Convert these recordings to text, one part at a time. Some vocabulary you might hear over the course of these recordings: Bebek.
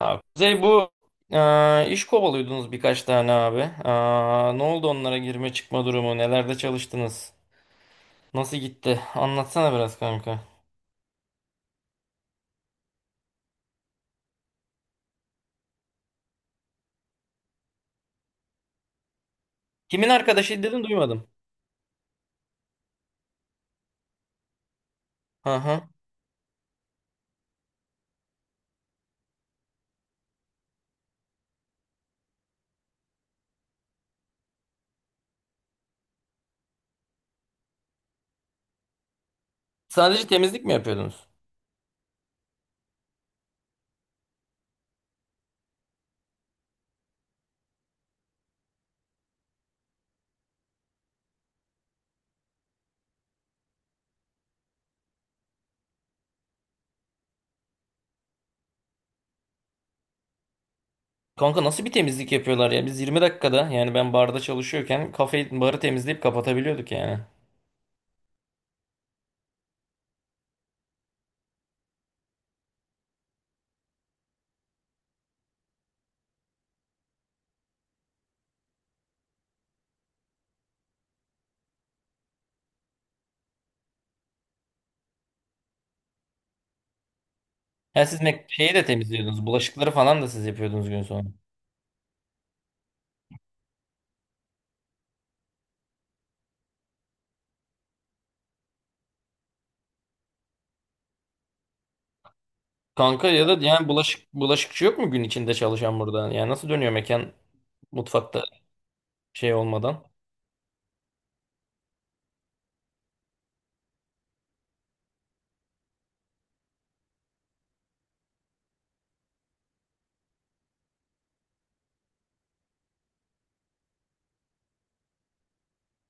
Abi, Kuzey bu. İş kovalıyordunuz birkaç tane abi. Ne oldu onlara girme çıkma durumu? Nelerde çalıştınız? Nasıl gitti? Anlatsana biraz kanka. Kimin arkadaşı dedin, duymadım. Hı hı. Sadece temizlik mi yapıyordunuz? Kanka, nasıl bir temizlik yapıyorlar ya? Biz 20 dakikada, yani ben barda çalışıyorken kafeyi, barı temizleyip kapatabiliyorduk yani. Ya siz şeyi de temizliyordunuz. Bulaşıkları falan da siz yapıyordunuz gün sonra. Kanka ya da yani bulaşık, bulaşıkçı yok mu gün içinde çalışan burada? Yani nasıl dönüyor mekan mutfakta? Şey olmadan.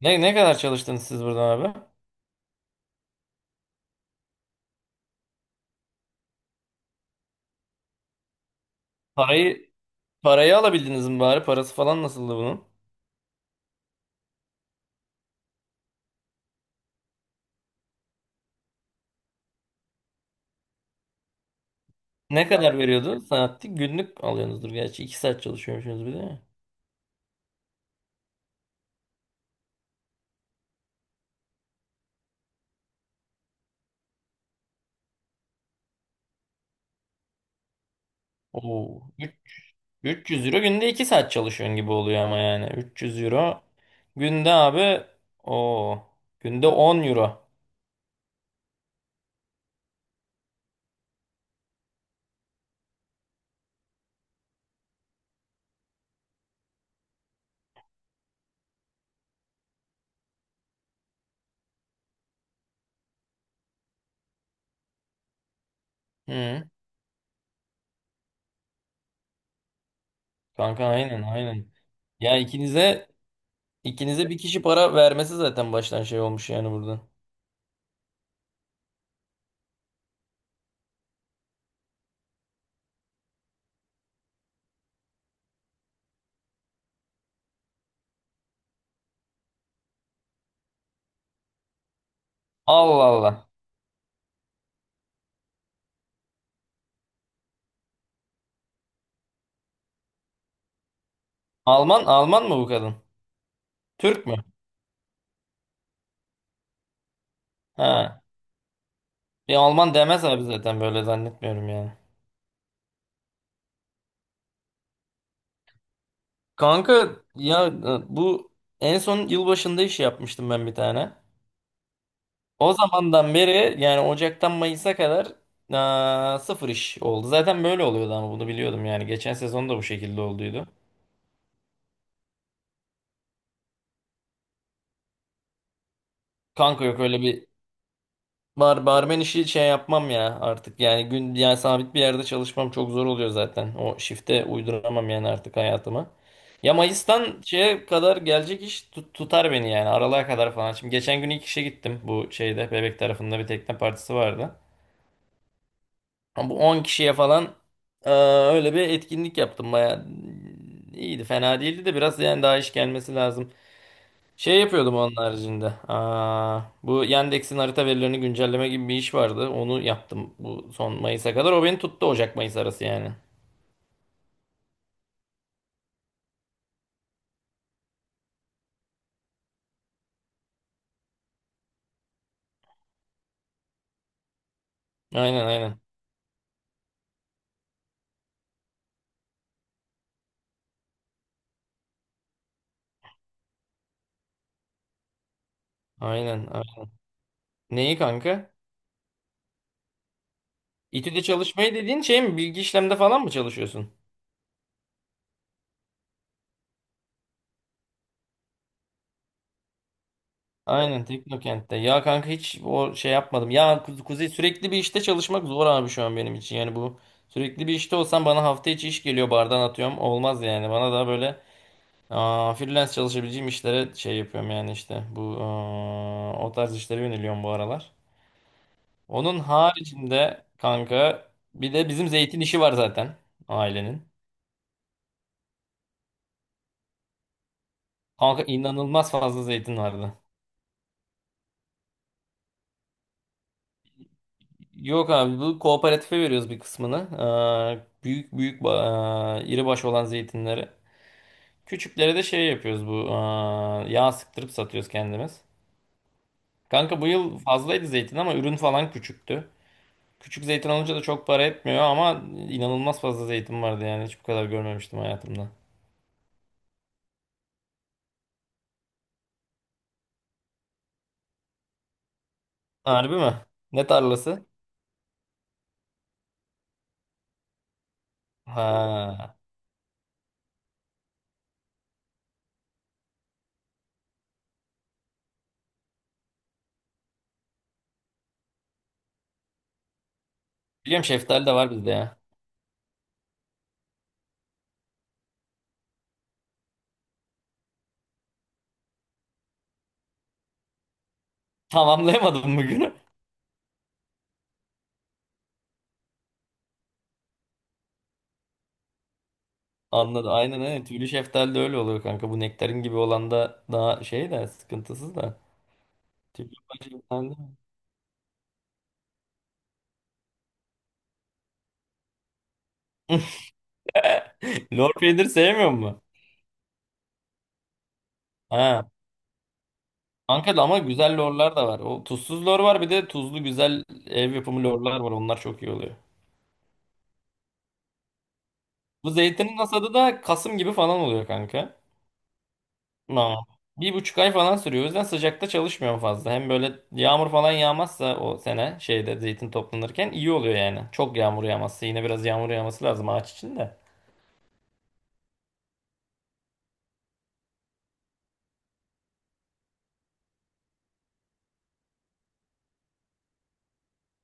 Ne kadar çalıştınız siz buradan abi? Parayı parayı alabildiniz mi bari? Parası falan nasıldı bunun? Ne kadar veriyordu? Saatlik günlük alıyorsunuzdur gerçi. 2 saat çalışıyormuşsunuz bir de, ya. Oo. 300 euro günde 2 saat çalışıyorsun gibi oluyor ama yani. 300 euro günde abi, o günde 10 euro. Hı. Kanka, aynen aynen. Ya ikinize bir kişi para vermesi zaten baştan şey olmuş yani burada. Allah Allah. Alman mı bu kadın? Türk mü? Ha. Bir Alman demez abi, zaten böyle zannetmiyorum yani. Kanka ya bu en son yılbaşında iş yapmıştım ben bir tane. O zamandan beri yani Ocak'tan Mayıs'a kadar sıfır iş oldu. Zaten böyle oluyordu ama bunu biliyordum yani. Geçen sezon da bu şekilde olduydu. Kanka yok öyle bir. Barmen işi şey yapmam ya artık, yani gün yani sabit bir yerde çalışmam çok zor oluyor zaten. O şifte uyduramam yani artık hayatıma. Ya Mayıs'tan şeye kadar gelecek iş tutar beni yani aralığa kadar falan. Şimdi geçen gün ilk işe gittim, bu şeyde Bebek tarafında bir tekne partisi vardı. Ama bu 10 kişiye falan eee, öyle bir etkinlik yaptım, baya iyiydi, fena değildi de biraz yani daha iş gelmesi lazım. Şey yapıyordum onun haricinde. Bu Yandex'in harita verilerini güncelleme gibi bir iş vardı. Onu yaptım bu son Mayıs'a kadar. O beni tuttu Ocak-Mayıs arası yani. Aynen aynen. Aynen aynen. Neyi kanka? İTÜ'de çalışmayı dediğin şey mi? Bilgi işlemde falan mı çalışıyorsun? Aynen, Teknokent'te. Ya kanka hiç o şey yapmadım. Ya Kuzey, sürekli bir işte çalışmak zor abi şu an benim için. Yani bu sürekli bir işte olsam, bana hafta içi iş geliyor bardan, atıyorum, olmaz yani. Bana daha böyle. Freelance çalışabileceğim işlere şey yapıyorum, yani işte bu o tarz işlere yöneliyorum bu aralar. Onun haricinde kanka bir de bizim zeytin işi var zaten, ailenin. Kanka inanılmaz fazla zeytin vardı. Yok abi, bu kooperatife veriyoruz bir kısmını. Büyük büyük iri baş olan zeytinleri. Küçükleri de şey yapıyoruz, bu yağ sıktırıp satıyoruz kendimiz. Kanka bu yıl fazlaydı zeytin ama ürün falan küçüktü. Küçük zeytin alınca da çok para etmiyor ama inanılmaz fazla zeytin vardı yani. Hiç bu kadar görmemiştim hayatımda. Harbi mi? Ne tarlası? Ha. Biliyorum, şeftali de var bizde ya. Tamamlayamadım bugünü. Anladım. Aynen aynen. Tüylü şeftali de öyle oluyor kanka. Bu nektarin gibi olan da daha şey de, sıkıntısız da. Tüylü şeftali de- Lor peynir sevmiyor mu? Ha. Kanka da ama güzel lorlar da var. O tuzsuz lor var, bir de tuzlu güzel ev yapımı lorlar var. Onlar çok iyi oluyor. Bu zeytinin hasadı da Kasım gibi falan oluyor kanka. Tamam. 1,5 ay falan sürüyor. O yüzden sıcakta çalışmıyorum fazla. Hem böyle yağmur falan yağmazsa o sene şeyde zeytin toplanırken iyi oluyor yani. Çok yağmur yağmazsa, yine biraz yağmur yağması lazım ağaç için de.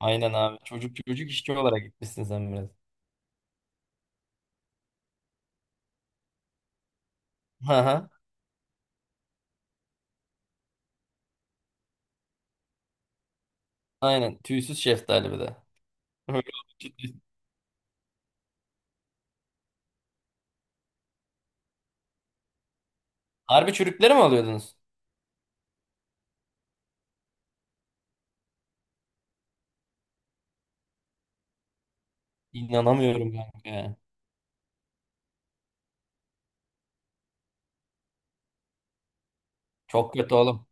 Aynen abi. Çocuk, çocuk işçi olarak gitmişsin sen biraz. Aha. Aynen. Tüysüz şeftali bir de. Öyle olmuş. Harbi çürükleri mi alıyordunuz? İnanamıyorum kanka. Çok kötü oğlum.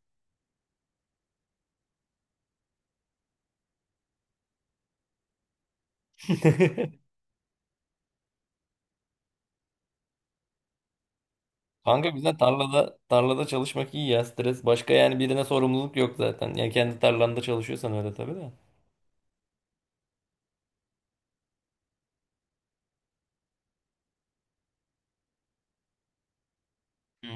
Kanka güzel, tarlada çalışmak iyi ya, stres başka yani, birine sorumluluk yok zaten. Yani kendi tarlanda çalışıyorsan öyle tabii de. Hı.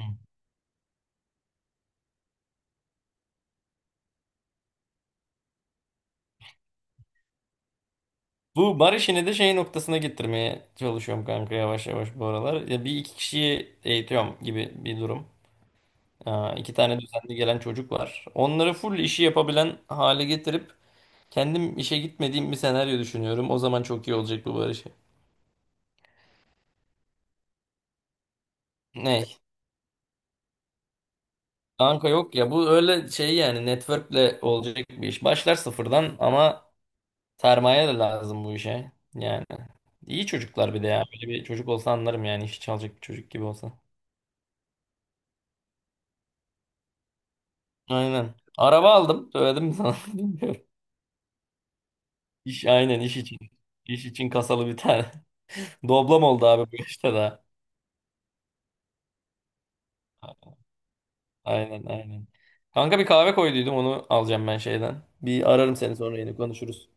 Bu bar işini de şey noktasına getirmeye çalışıyorum kanka, yavaş yavaş bu aralar. Ya bir iki kişiyi eğitiyorum gibi bir durum. İki tane düzenli gelen çocuk var. Onları full işi yapabilen hale getirip kendim işe gitmediğim bir senaryo düşünüyorum. O zaman çok iyi olacak bu bar işi. Ne? Kanka yok ya, bu öyle şey, yani networkle olacak bir iş. Başlar sıfırdan ama. Sermaye de lazım bu işe. Yani iyi çocuklar bir de ya. Böyle bir çocuk olsa anlarım yani, işi çalacak bir çocuk gibi olsa. Aynen. Araba aldım. Söyledim mi sana? Bilmiyorum. İş, aynen iş için. İş için kasalı bir tane. Doblam oldu abi bu işte daha. Aynen aynen. Kanka bir kahve koyduydum, onu alacağım ben şeyden. Bir ararım seni, sonra yine konuşuruz.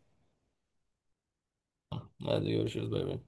Hadi görüşürüz, bay bay.